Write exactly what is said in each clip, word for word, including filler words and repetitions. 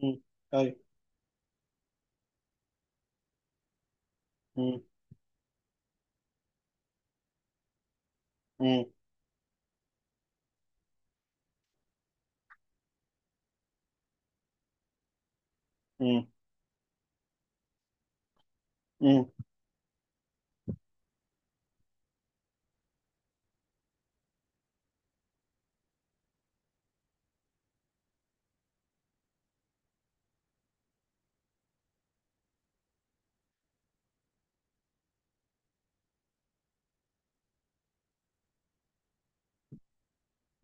مم. ايوه. مم. مم. مم. مم.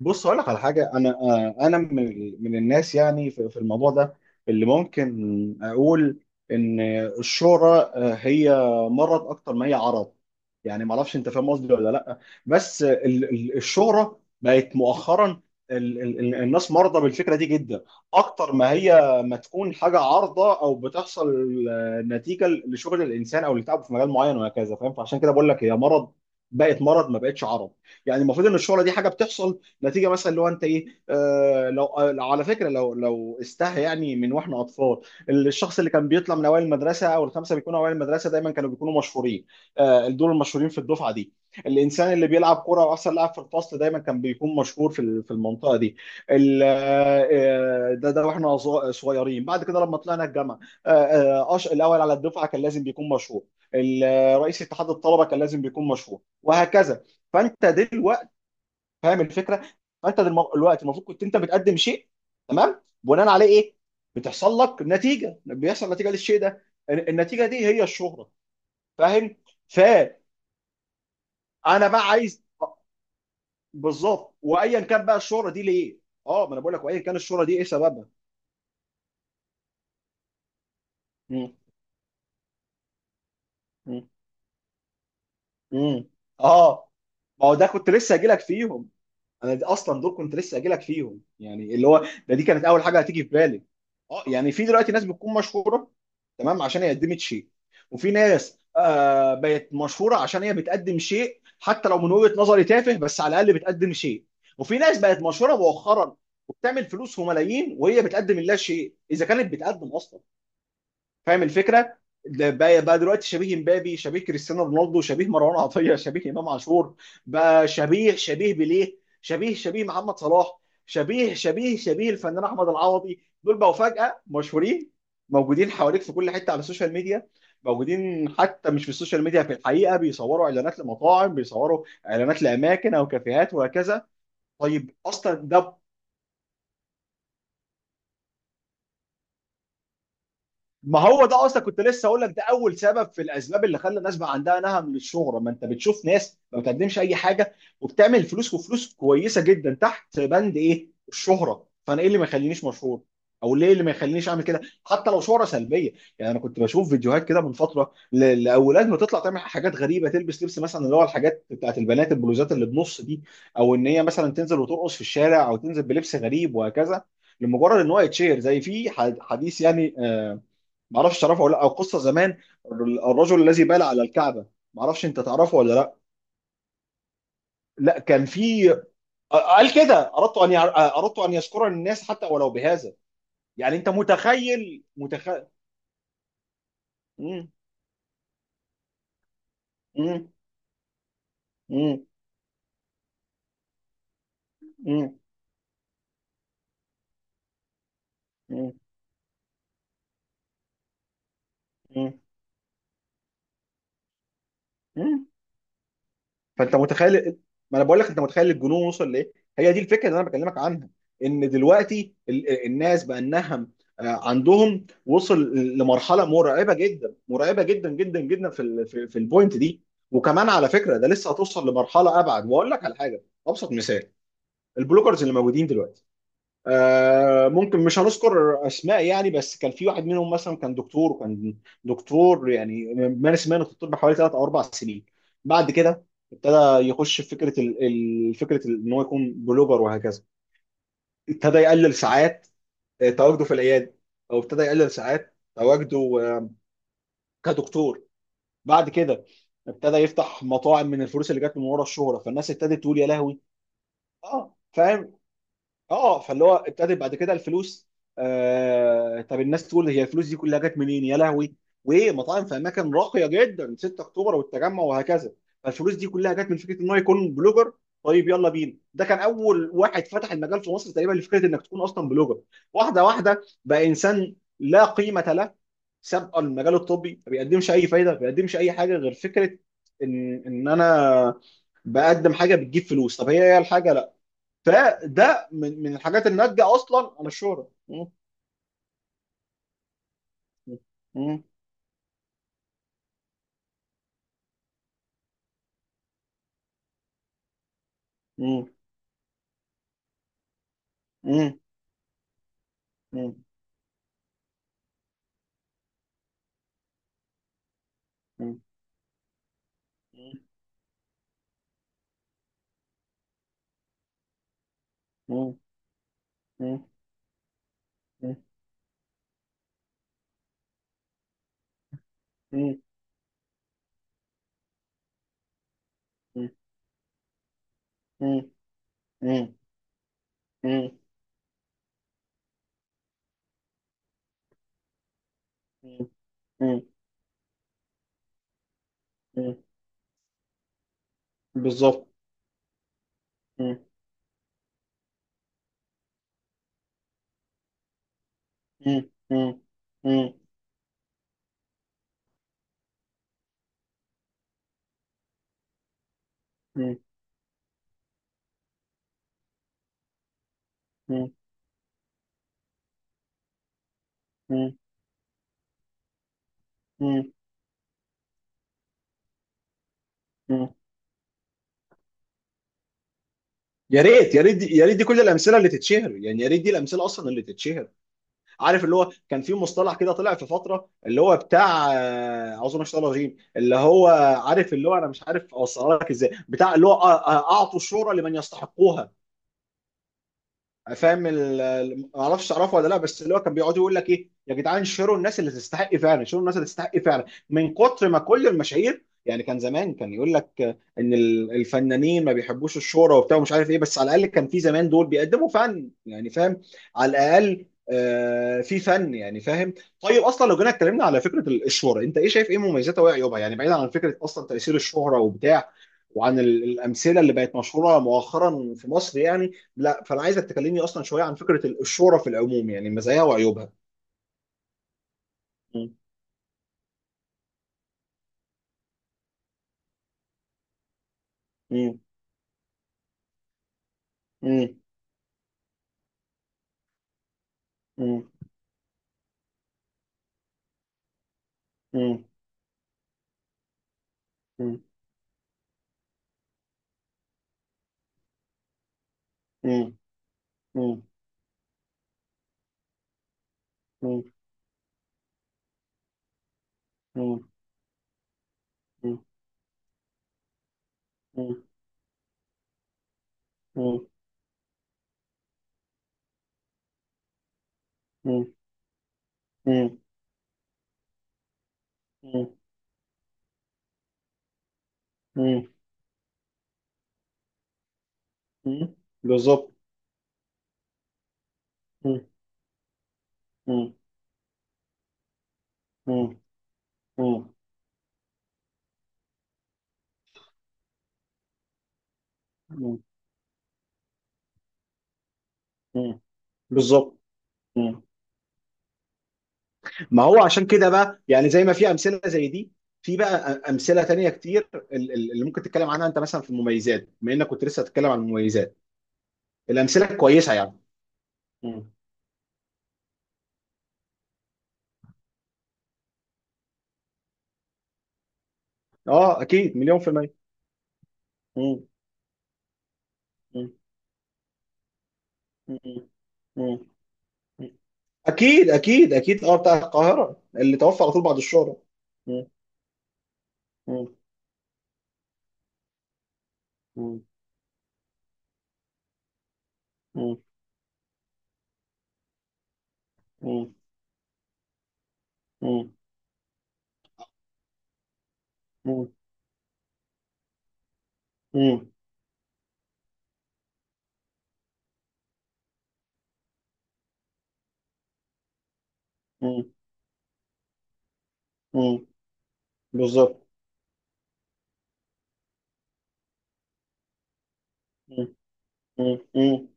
بص اقول لك على حاجه. انا آه، انا من ال- من الناس، يعني في في الموضوع ده اللي ممكن اقول ان الشهره آه، هي مرض اكتر ما هي عرض. يعني ما اعرفش انت فاهم قصدي ولا لا، بس ال- ال- الشهره بقت مؤخرا ال- ال- ال- الناس مرضى بالفكره دي جدا، اكتر ما هي ما تكون حاجه عارضه او بتحصل آه، نتيجه لشغل الانسان او لتعبه في مجال معين وهكذا، فاهم؟ فعشان كده بقول لك هي مرض، بقت مرض ما بقتش عرض. يعني المفروض ان الشهره دي حاجه بتحصل نتيجه، مثلا اللي هو انت ايه، آه لو آه، لو على فكره، لو لو استهى، يعني من واحنا اطفال الشخص اللي كان بيطلع من اوائل المدرسه، او الخمسه بيكونوا اوائل المدرسه، دايما كانوا بيكونوا مشهورين. آه، دول المشهورين في الدفعه دي. الانسان اللي بيلعب كوره، واحسن لاعب في الفصل، دايما كان بيكون مشهور في ال- في المنطقه دي. ال- آه، آه، ده ده واحنا صغ- صغيرين. بعد كده لما طلعنا الجامعه، آه، آه، أش- الاول على الدفعه كان لازم بيكون مشهور. ال- آه، رئيس اتحاد الطلبه كان لازم بيكون مشهور، وهكذا. فانت دلوقتي فاهم الفكره. فانت دلم- دلوقتي المفروض كنت انت بتقدم شيء، تمام، بناء عليه ايه؟ بتحصل لك نتيجه، بيحصل نتيجه للشيء ده. ال- النتيجه دي هي الشهره، فاهم؟ فانا بقى عايز آه، بالظبط، وايا كان بقى الشهره دي ليه. اه، ما انا بقول لك وايا كان الشهره دي ايه سببها. مم. مم. مم. اه، ما هو ده كنت لسه هجيلك فيهم، انا دي اصلا دول كنت لسه هجيلك فيهم. يعني اللي هو ده دي كانت اول حاجه هتيجي في بالي. اه، يعني في دلوقتي ناس بتكون مشهوره، تمام، عشان هي قدمت شيء. وفي ناس آه بقت مشهوره عشان هي بتقدم شيء، حتى لو من وجهه نظري تافه، بس على الاقل بتقدم شيء. وفي ناس بقت مشهوره مؤخرا وبتعمل فلوس وملايين وهي بتقدم لا شيء، اذا كانت بتقدم اصلا، فاهم الفكره؟ ده بقى, بقى دلوقتي شبيه مبابي، شبيه كريستيانو رونالدو، شبيه مروان عطيه، شبيه امام عاشور، بقى شبيه شبيه بيليه، شبيه شبيه محمد صلاح، شبيه شبيه شبيه الفنان احمد العوضي. دول بقوا فجاه مشهورين، موجودين حواليك في كل حته على السوشيال ميديا، موجودين حتى مش في السوشيال ميديا، في الحقيقه بيصوروا اعلانات لمطاعم، بيصوروا اعلانات لاماكن او كافيهات وهكذا. طيب اصلا ده، ما هو ده اصلا كنت لسه اقول لك، ده اول سبب في الاسباب اللي خلى الناس بقى عندها نهم للشهره. ما انت بتشوف ناس ما بتقدمش اي حاجه وبتعمل فلوس، وفلوس كويسه جدا، تحت بند ايه؟ الشهره. فانا ايه اللي ما يخلينيش مشهور، او ليه اللي ما يخلينيش اعمل كده حتى لو شهره سلبيه؟ يعني انا كنت بشوف فيديوهات كده من فتره ل- لاولاد بتطلع تعمل حاجات غريبه، تلبس لبس مثلا اللي هو الحاجات بتاعت البنات، البلوزات اللي بنص دي، او ان هي مثلا تنزل وترقص في الشارع، او تنزل بلبس غريب، وهكذا، لمجرد ان هو يتشير. زي في حد- حديث يعني آه، ما اعرفش تعرفه ولا لا، او قصه زمان، الر- الرجل الذي بال على الكعبه. ما اعرفش انت تعرفه ولا لا؟ لا، كان في، قال كده، اردت ان يع- اردت ان يذكر الناس حتى ولو بهذا. يعني انت متخيل، متخيل؟ مم. مم. مم. مم. مم. مم. فانت متخيل، ما انا بقول لك، انت متخيل الجنون وصل لايه؟ هي دي الفكره اللي انا بكلمك عنها، ان دلوقتي ال- الناس بقى النهم آه، عندهم وصل لمرحله مرعبه جدا، مرعبه جدا جدا جدا، في ال في, في البوينت دي. وكمان على فكره ده لسه هتوصل لمرحله ابعد. واقول لك على حاجه، ابسط مثال البلوجرز اللي موجودين دلوقتي. آه، ممكن مش هنذكر اسماء يعني، بس كان في واحد منهم مثلا كان دكتور، وكان دكتور يعني مارس مهنه الطب حوالي ثلاث او اربع سنين. بعد كده ابتدى يخش في فكره ال- ال- فكره ال- ان هو يكون بلوجر وهكذا. ابتدى يقلل ساعات آه، تواجده في العياده، او ابتدى يقلل ساعات تواجده آه، كدكتور. بعد كده ابتدى يفتح مطاعم من الفلوس اللي جت من ورا الشهره. فالناس ابتدت تقول يا لهوي. اه فاهم. اه، فاللي هو ابتدت بعد كده الفلوس. آه طب الناس تقول هي الفلوس دي كلها جت منين يا لهوي، وايه؟ مطاعم في اماكن راقيه جدا، 6 اكتوبر والتجمع وهكذا. فالفلوس دي كلها جت من فكره ان هو يكون بلوجر. طيب يلا بينا، ده كان اول واحد فتح المجال في مصر تقريبا لفكره انك تكون اصلا بلوجر. واحده واحده بقى، انسان لا قيمه له سابقا، المجال الطبي ما بيقدمش اي فايده، ما بيقدمش اي حاجه غير فكره ان ان انا بقدم حاجه بتجيب فلوس، طب هي هي الحاجه؟ لا. فده من من الحاجات الناتجه اصلا عن الشهره. م- م- م- م- م- م- م- م- م- م- م- م- م- م- م- مم. مم. بالظبط. مم. مم. مم. مم. مم. مم. مم. مم. يا ريت، يا ريت دي- يا ريت دي كل الامثله اللي تتشهر، يعني يا ريت دي الامثله اصلا اللي تتشهر. عارف اللي هو كان في مصطلح كده طلع في فتره اللي هو بتاع آه، اعوذ بالله من الشيطان الرجيم، اللي هو، عارف اللي هو، انا مش عارف اوصلها لك ازاي، بتاع اللي هو آه، آه، اعطوا الشهره لمن يستحقوها. فاهم ال- ال- ما اعرفش تعرفه ولا لا، بس اللي هو كان بيقعد يقول لك ايه، يا جدعان شيروا الناس اللي تستحق فعلا، شيروا الناس اللي تستحق فعلا. من كتر ما كل المشاهير، يعني كان زمان كان يقول لك ان ال- الفنانين ما بيحبوش الشهرة وبتاع ومش عارف ايه، بس على الاقل كان في زمان دول بيقدموا فن، يعني فاهم، على الاقل آه، في فن، يعني فاهم. طيب اصلا لو جينا اتكلمنا على فكره ال- الشهره، انت ايه شايف، ايه مميزاتها وايه عيوبها؟ يعني بعيدا عن فكره اصلا تاثير الشهره وبتاع، وعن ال- الامثله اللي بقت مشهوره مؤخرا في مصر، يعني لا، فانا عايزك تكلمني اصلا شويه عن فكره الشورى في العموم، يعني مزاياها وعيوبها. مم. مم. مم. مم. مم. مم. مم. مم. مم. مم. مم. مم. مم. مم. مم. مم. بالظبط. مم. مم. مم. مم. مم. مم. بالظبط. مم. ما هو عشان كده بقى، يعني زي ما في امثله زي دي، في بقى أ- امثله تانية كتير ال- ال- اللي ممكن تتكلم عنها انت، مثلا في المميزات، بما انك كنت لسه هتتكلم عن المميزات، الامثله الكويسه يعني. اه اكيد، مليون في المية. مم. مم. مم. مم. اكيد اكيد اكيد، اه، بتاع القاهرة اللي توفى على طول بعد الشهرة. مم. مم. مم. مم. مم. مم. مم. مم. مم. مم. بالظبط. مم. مم. مم.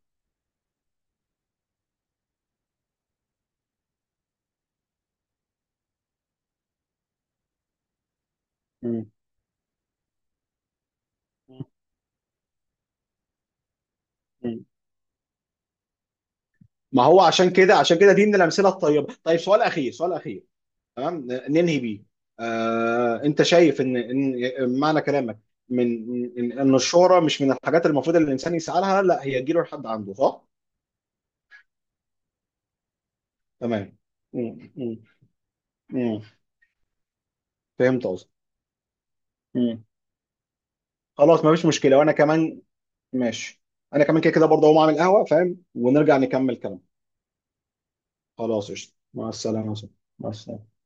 مم. مم. ما هو عشان كده، عشان كده دي من الامثله الطيبه. طيب سؤال اخير، سؤال اخير، تمام، ننهي بيه. آه، انت شايف ان ان معنى كلامك، من ان، إن الشهرة مش من الحاجات المفروض اللي الانسان يسعى لها، لا هي تجيله لحد عنده، صح؟ تمام. مم، مم، مم. فهمت قصدي. مم. خلاص، مفيش مشكلة، وانا كمان ماشي، انا كمان كده كده برضه هقوم اعمل قهوة، فاهم، ونرجع نكمل كلام. خلاص، قشطة، مع السلامة يا صاحبي. مع السلامة.